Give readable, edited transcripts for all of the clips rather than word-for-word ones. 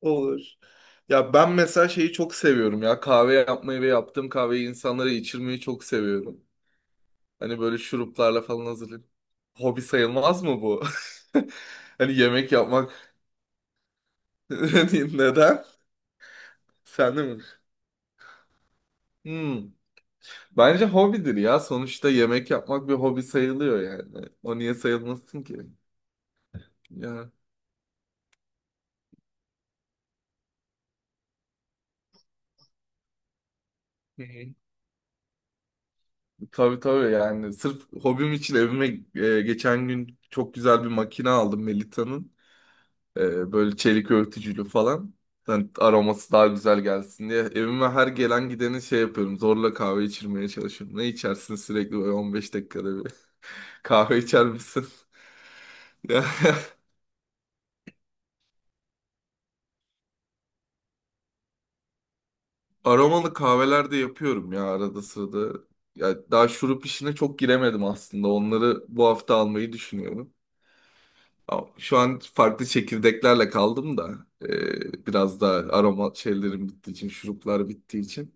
Olur. Ya ben mesela şeyi çok seviyorum ya kahve yapmayı ve yaptığım kahveyi insanlara içirmeyi çok seviyorum. Hani böyle şuruplarla falan hazırlayıp. Hobi sayılmaz mı bu? Hani yemek yapmak neden? Sen de mi? Hmm. Bence hobidir ya. Sonuçta yemek yapmak bir hobi sayılıyor yani. O niye sayılmasın ki? Ya. Hı hı. Tabii tabii yani. Sırf hobim için evime geçen gün çok güzel bir makine aldım Melita'nın. Böyle çelik örtücülü falan. Yani aroması daha güzel gelsin diye. Evime her gelen gideni şey yapıyorum. Zorla kahve içirmeye çalışıyorum. Ne içersin sürekli böyle 15 dakikada bir. Kahve içer misin? Ya, aromalı kahveler de yapıyorum ya arada sırada. Ya daha şurup işine çok giremedim aslında. Onları bu hafta almayı düşünüyorum. Ama şu an farklı çekirdeklerle kaldım da. Biraz daha aroma şeylerim bittiği için, şuruplar bittiği için.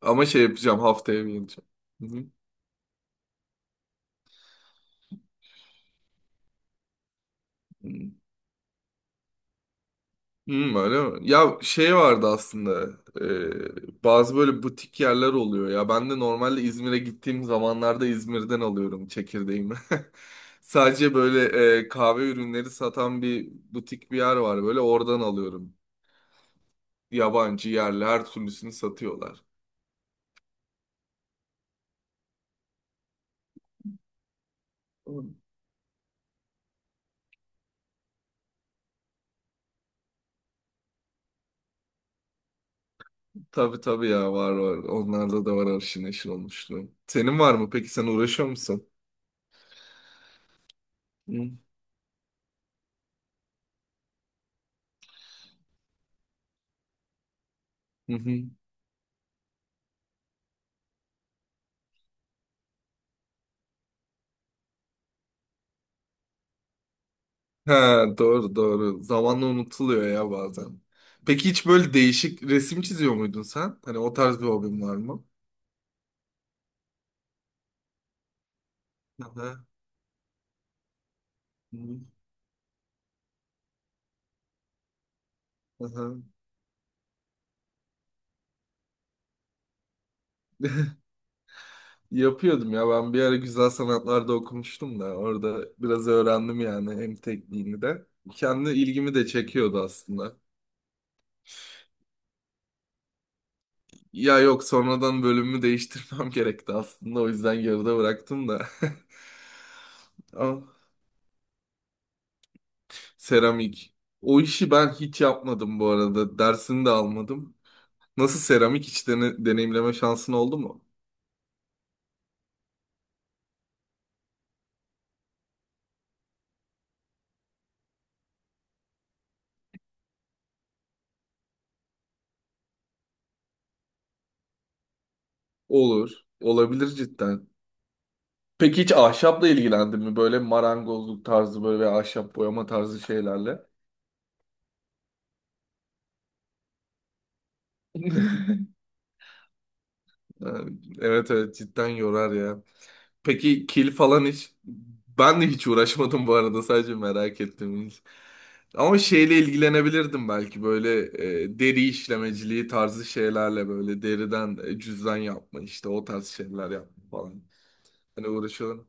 Ama şey yapacağım, haftaya bir ineceğim. Hı hı. Hmm, öyle mi? Ya şey vardı aslında, bazı böyle butik yerler oluyor ya, ben de normalde İzmir'e gittiğim zamanlarda İzmir'den alıyorum çekirdeğimi. Sadece böyle kahve ürünleri satan bir butik bir yer var böyle, oradan alıyorum. Yabancı yerli her türlüsünü satıyorlar. Hmm. Tabii tabii ya, var var, onlarda da var arşın neşir olmuşluğu. Senin var mı peki, sen uğraşıyor musun? Hı hı. Ha, doğru doğru. Zamanla unutuluyor ya bazen. Peki hiç böyle değişik resim çiziyor muydun sen? Hani o tarz bir hobin var mı? Aha. Aha. Yapıyordum ya, ben bir ara güzel sanatlarda okumuştum da, orada biraz öğrendim yani hem tekniğini de. Kendi ilgimi de çekiyordu aslında. Ya yok, sonradan bölümümü değiştirmem gerekti aslında, o yüzden yarıda bıraktım da. Ama seramik. O işi ben hiç yapmadım bu arada. Dersini de almadım. Nasıl, seramik hiç deneyimleme şansın oldu mu? Olur. Olabilir cidden. Peki hiç ahşapla ilgilendin mi? Böyle marangozluk tarzı böyle veya ahşap boyama tarzı şeylerle. Evet evet, cidden yorar ya. Peki kil falan hiç... Ben de hiç uğraşmadım bu arada, sadece merak ettim. Ama şeyle ilgilenebilirdim belki, böyle deri işlemeciliği tarzı şeylerle, böyle deriden cüzdan yapma, işte o tarz şeyler yapma falan. Hani uğraşıyorlar.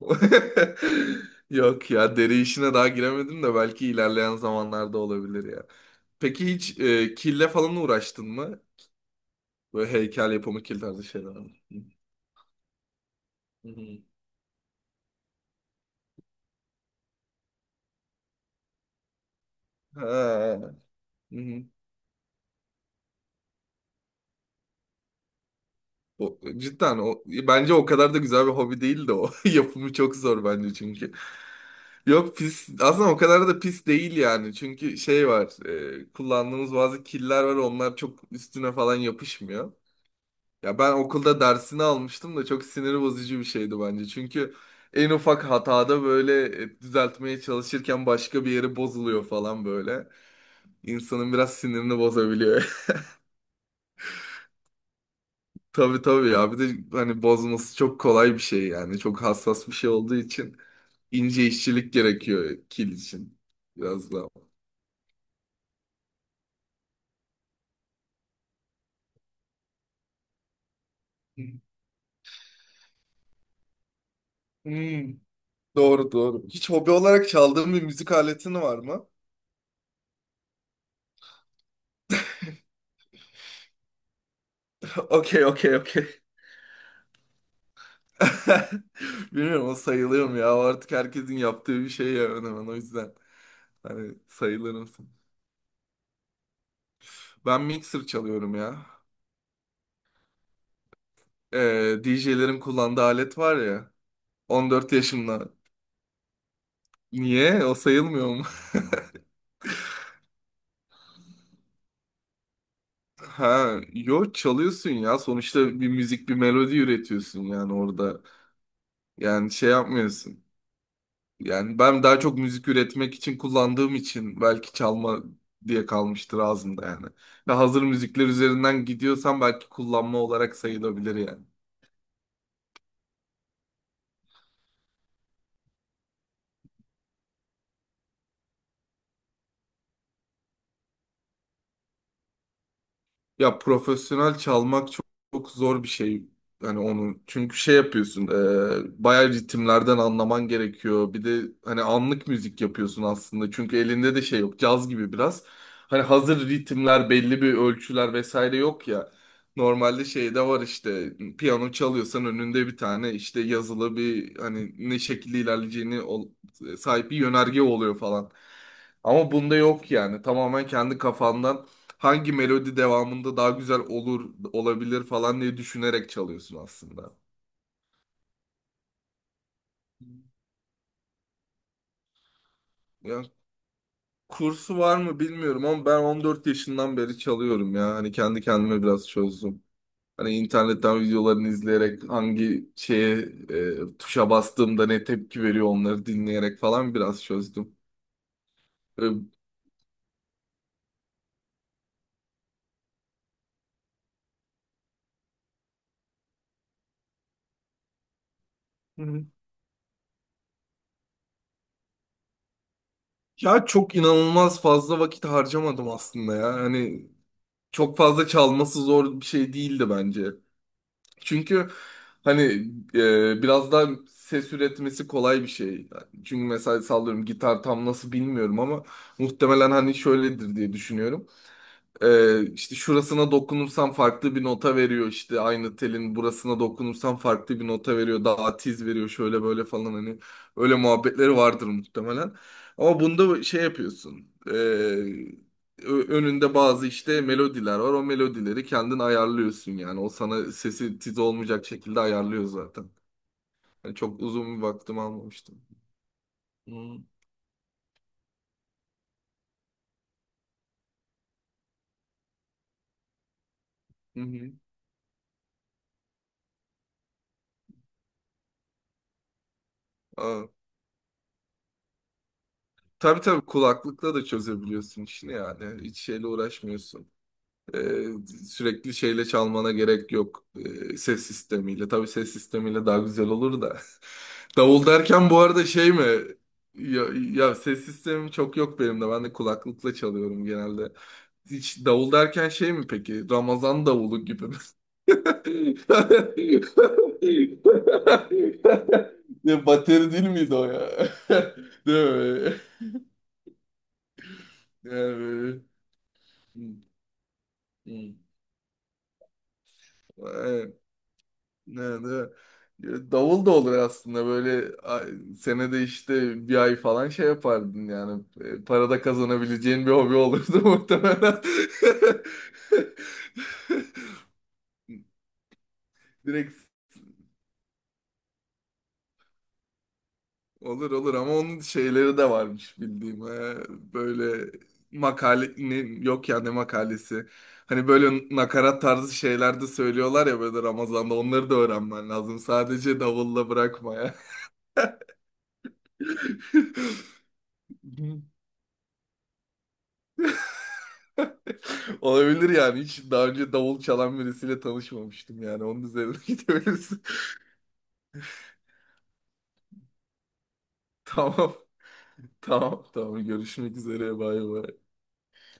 Yok ya, deri işine daha giremedim de, belki ilerleyen zamanlarda olabilir ya. Peki hiç kille falan uğraştın mı? Böyle heykel yapımı, kil tarzı şeyler. Hı hı. Ha. Hı hı. O cidden, o bence o kadar da güzel bir hobi değil de o. Yapımı çok zor bence çünkü. Yok pis, aslında o kadar da pis değil yani. Çünkü şey var, kullandığımız bazı killer var, onlar çok üstüne falan yapışmıyor. Ya ben okulda dersini almıştım da, çok sinir bozucu bir şeydi bence. Çünkü en ufak hatada böyle, düzeltmeye çalışırken başka bir yeri bozuluyor falan böyle. İnsanın biraz sinirini bozabiliyor. Tabii tabii ya, bir de hani bozması çok kolay bir şey yani. Çok hassas bir şey olduğu için ince işçilik gerekiyor kil için biraz daha. Hmm, doğru doğru. Hiç hobi olarak çaldığın bir müzik aletin var mı? Okey okey okey. Bilmiyorum, o sayılıyor mu ya? O artık herkesin yaptığı bir şey ya, hemen hemen. O yüzden. Hani sayılır mısın? Ben mixer çalıyorum ya. DJ'lerin kullandığı alet var ya. 14 yaşımda. Niye? O sayılmıyor mu? Ha, yo çalıyorsun ya. Sonuçta bir müzik, bir melodi üretiyorsun yani orada. Yani şey yapmıyorsun. Yani ben daha çok müzik üretmek için kullandığım için belki çalma diye kalmıştır ağzımda yani. Ve hazır müzikler üzerinden gidiyorsam belki kullanma olarak sayılabilir yani. Ya profesyonel çalmak çok, çok zor bir şey. Hani onu çünkü şey yapıyorsun, bayağı ritimlerden anlaman gerekiyor. Bir de hani anlık müzik yapıyorsun aslında. Çünkü elinde de şey yok, caz gibi biraz. Hani hazır ritimler, belli bir ölçüler vesaire yok ya. Normalde şeyde var, işte piyano çalıyorsan önünde bir tane işte yazılı bir, hani ne şekilde ilerleyeceğini sahip bir yönerge oluyor falan. Ama bunda yok yani. Tamamen kendi kafandan hangi melodi devamında daha güzel olur olabilir falan diye düşünerek çalıyorsun aslında. Ya kursu var mı bilmiyorum, ama ben 14 yaşından beri çalıyorum ya. Hani kendi kendime biraz çözdüm. Hani internetten videolarını izleyerek hangi şeye, tuşa bastığımda ne tepki veriyor onları dinleyerek falan biraz çözdüm. E, Hı hı. Ya çok inanılmaz fazla vakit harcamadım aslında ya. Hani çok fazla çalması zor bir şey değildi bence. Çünkü hani biraz daha ses üretmesi kolay bir şey. Çünkü mesela sallıyorum, gitar tam nasıl bilmiyorum ama muhtemelen hani şöyledir diye düşünüyorum. İşte şurasına dokunursam farklı bir nota veriyor, işte aynı telin burasına dokunursam farklı bir nota veriyor, daha tiz veriyor şöyle böyle falan, hani öyle muhabbetleri vardır muhtemelen. Ama bunda şey yapıyorsun, önünde bazı işte melodiler var, o melodileri kendin ayarlıyorsun yani, o sana sesi tiz olmayacak şekilde ayarlıyor zaten. Yani çok uzun bir vaktimi almamıştım. Hı hı. Hı. Aa, tabii tabii, kulaklıkla da çözebiliyorsun işini yani, hiç şeyle uğraşmıyorsun. Ee, Sürekli şeyle çalmana gerek yok. Ses sistemiyle. Tabii ses sistemiyle daha güzel olur da. Davul derken bu arada şey mi? Ya, ya ses sistemim çok yok benim de. Ben de kulaklıkla çalıyorum genelde. Hiç davul derken şey mi peki? Ramazan davulu gibi mi? Ya bateri değil miydi o ya? Değil mi? Yani böyle- Hmm, hmm. Ne, ne- Davul da olur aslında, böyle ay- senede işte bir ay falan şey yapardın yani. Para da kazanabileceğin bir hobi olurdu muhtemelen. Direkt olur olur, ama onun şeyleri de varmış bildiğim. Böyle makale ne- yok ya ne makalesi, hani böyle nakarat tarzı şeyler de söylüyorlar ya böyle Ramazan'da, onları da öğrenmen lazım, sadece davulla bırakma ya. Olabilir yani. Hiç daha önce davul çalan birisiyle tanışmamıştım yani. Onun üzerine gidebiliriz. Tamam. Tamam. Tamam. Görüşmek üzere. Bay bay.